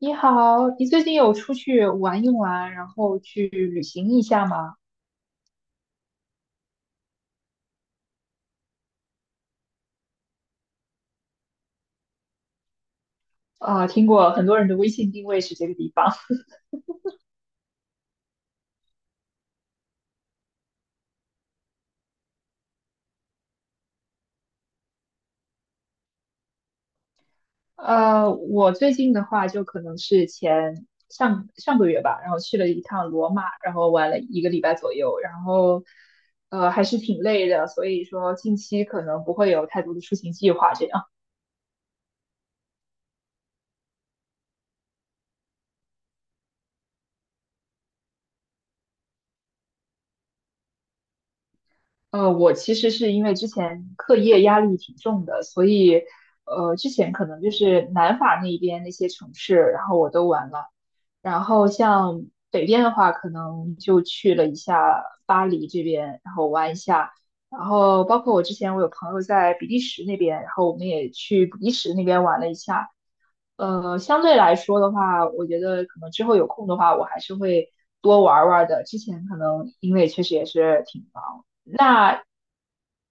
你好，你最近有出去玩一玩，然后去旅行一下吗？啊、听过很多人的微信定位是这个地方。我最近的话，就可能是前上上个月吧，然后去了一趟罗马，然后玩了一个礼拜左右，然后还是挺累的，所以说近期可能不会有太多的出行计划这样。我其实是因为之前课业压力挺重的，所以之前可能就是南法那边那些城市，然后我都玩了。然后像北边的话，可能就去了一下巴黎这边，然后玩一下。然后包括我之前有朋友在比利时那边，然后我们也去比利时那边玩了一下。相对来说的话，我觉得可能之后有空的话，我还是会多玩玩的。之前可能因为确实也是挺忙。那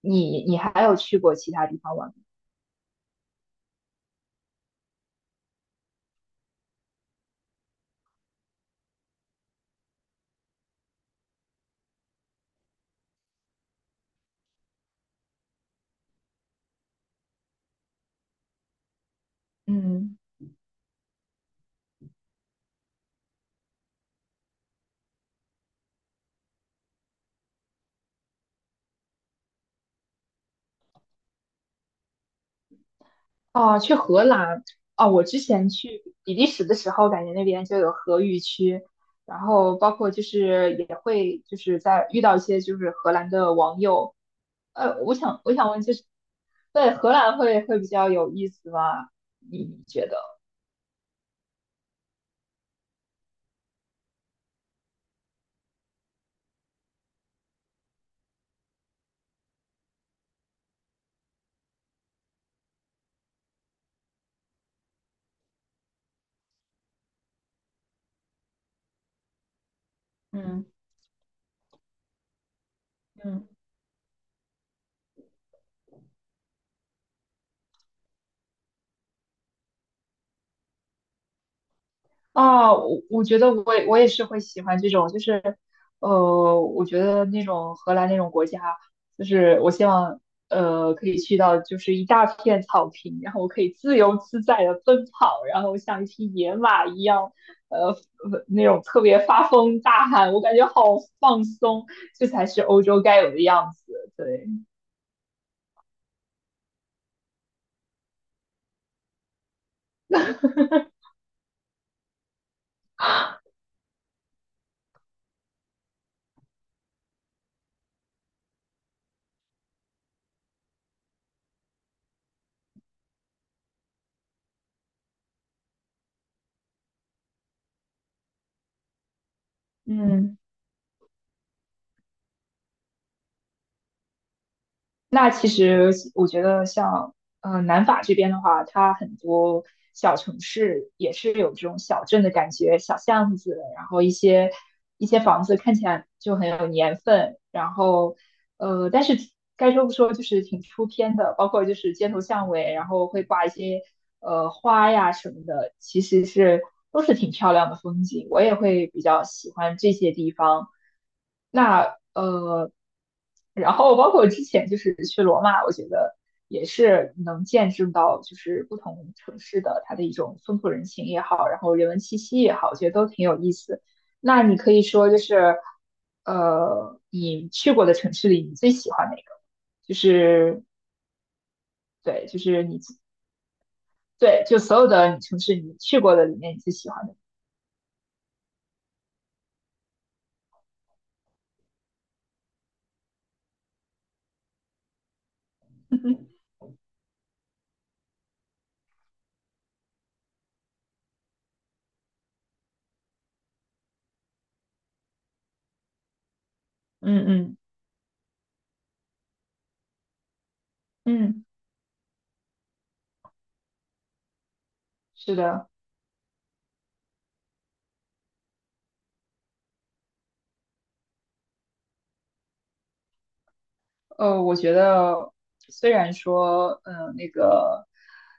你还有去过其他地方玩吗？嗯。哦，去荷兰。哦，我之前去比利时的时候，感觉那边就有荷语区，然后包括就是也会就是在遇到一些就是荷兰的网友，我想问就是，对荷兰会比较有意思吗？你你觉得？嗯嗯。啊，我觉得我也是会喜欢这种，就是，我觉得那种荷兰那种国家，就是我希望，可以去到就是一大片草坪，然后我可以自由自在的奔跑，然后像一匹野马一样，那种特别发疯大喊，我感觉好放松，这才是欧洲该有的样子，对。嗯。那其实我觉得像，南法这边的话，它很多小城市也是有这种小镇的感觉，小巷子，然后一些房子看起来就很有年份，然后，但是该说不说，就是挺出片的，包括就是街头巷尾，然后会挂一些花呀什么的，其实是都是挺漂亮的风景，我也会比较喜欢这些地方。那然后包括之前就是去罗马，我觉得也是能见证到，就是不同城市的它的一种风土人情也好，然后人文气息也好，我觉得都挺有意思。那你可以说就是，你去过的城市里，你最喜欢哪个？就是对，就是你对，就所有的城市你去过的里面，你最喜欢的。嗯嗯嗯，是的。我觉得虽然说，嗯、那个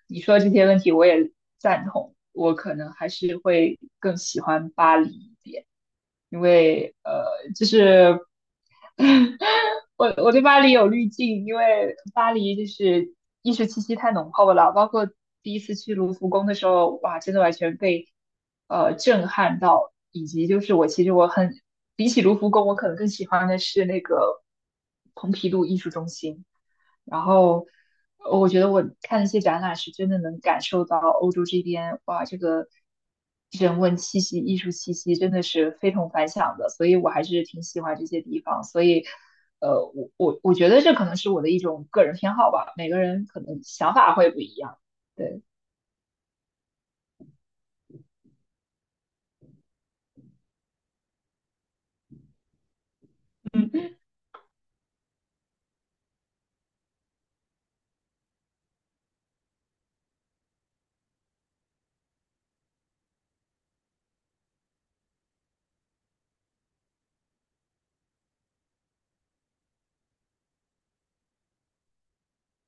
你说的这些问题我也赞同，我可能还是会更喜欢巴黎一点，因为就是。我对巴黎有滤镜，因为巴黎就是艺术气息太浓厚了，包括第一次去卢浮宫的时候，哇，真的完全被震撼到，以及就是我其实很比起卢浮宫，我可能更喜欢的是那个蓬皮杜艺术中心。然后我觉得我看那些展览是真的能感受到欧洲这边，哇，这个人文气息、艺术气息真的是非同凡响的，所以我还是挺喜欢这些地方。所以，我觉得这可能是我的一种个人偏好吧，每个人可能想法会不一样。对。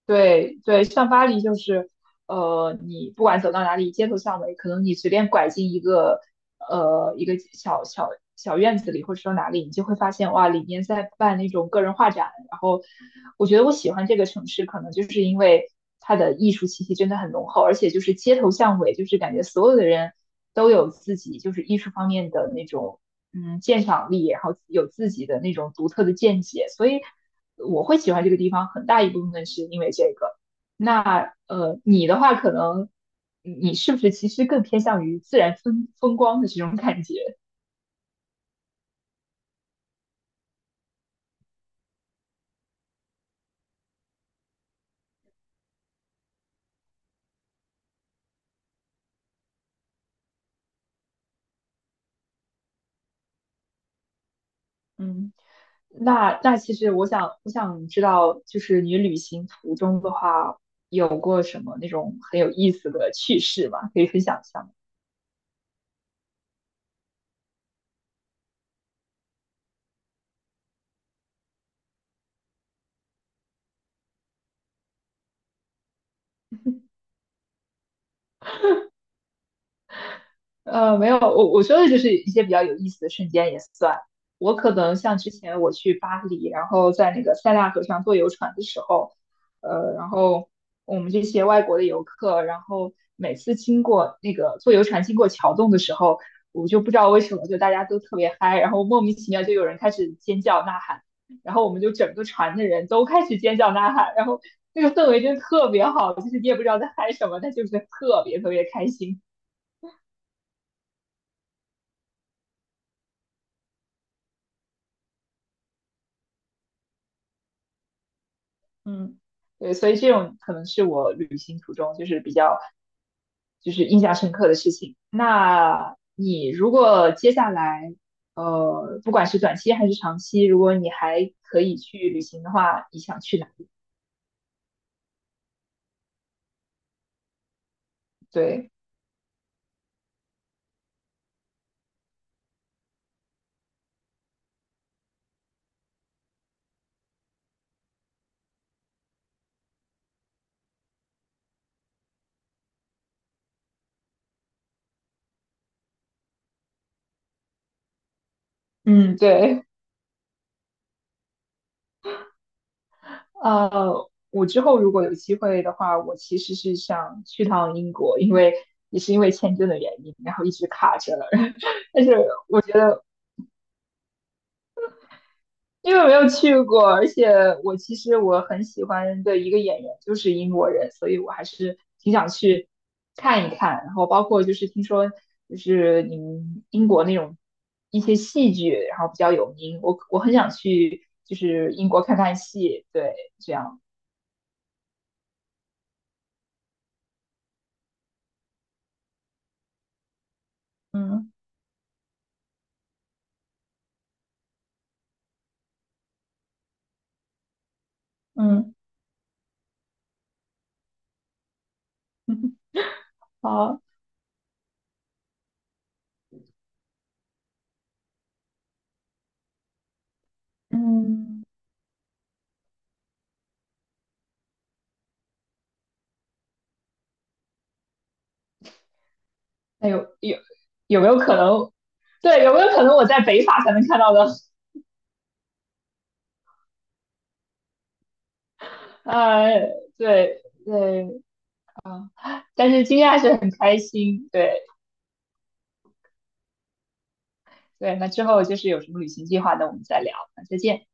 对对，像巴黎就是，你不管走到哪里，街头巷尾，可能你随便拐进一个，一个小小院子里，或者说哪里，你就会发现，哇，里面在办那种个人画展。然后，我觉得我喜欢这个城市，可能就是因为它的艺术气息真的很浓厚，而且就是街头巷尾，就是感觉所有的人都有自己就是艺术方面的那种，嗯，鉴赏力，然后有自己的那种独特的见解，所以。我会喜欢这个地方，很大一部分是因为这个。那你的话可能你是不是其实更偏向于自然风光的这种感觉？嗯，那那其实我想知道，就是你旅行途中的话，有过什么那种很有意思的趣事吗？可以分享一下吗？没有，我说的就是一些比较有意思的瞬间也算。我可能像之前我去巴黎，然后在那个塞纳河上坐游船的时候，然后我们这些外国的游客，然后每次经过那个坐游船经过桥洞的时候，我就不知道为什么就大家都特别嗨，然后莫名其妙就有人开始尖叫呐喊，然后我们就整个船的人都开始尖叫呐喊，然后那个氛围真的特别好，就是你也不知道在嗨什么，但就是特别特别开心。嗯，对，所以这种可能是我旅行途中就是比较就是印象深刻的事情。那你如果接下来，不管是短期还是长期，如果你还可以去旅行的话，你想去哪里？对，嗯，对，我之后如果有机会的话，我其实是想去趟英国，因为也是因为签证的原因，然后一直卡着了。但是我觉得。因为没有去过，而且我其实很喜欢的一个演员就是英国人，所以我还是挺想去看一看。然后包括就是听说就是你们英国那种一些戏剧，然后比较有名，我很想去就是英国看看戏，对，这样，嗯嗯，好，嗯，那有有没有可能？对，有没有可能我在北法才能看到的？呃，对对。啊但是今天还是很开心。对对，那之后就是有什么旅行计划那我们再聊。那再见。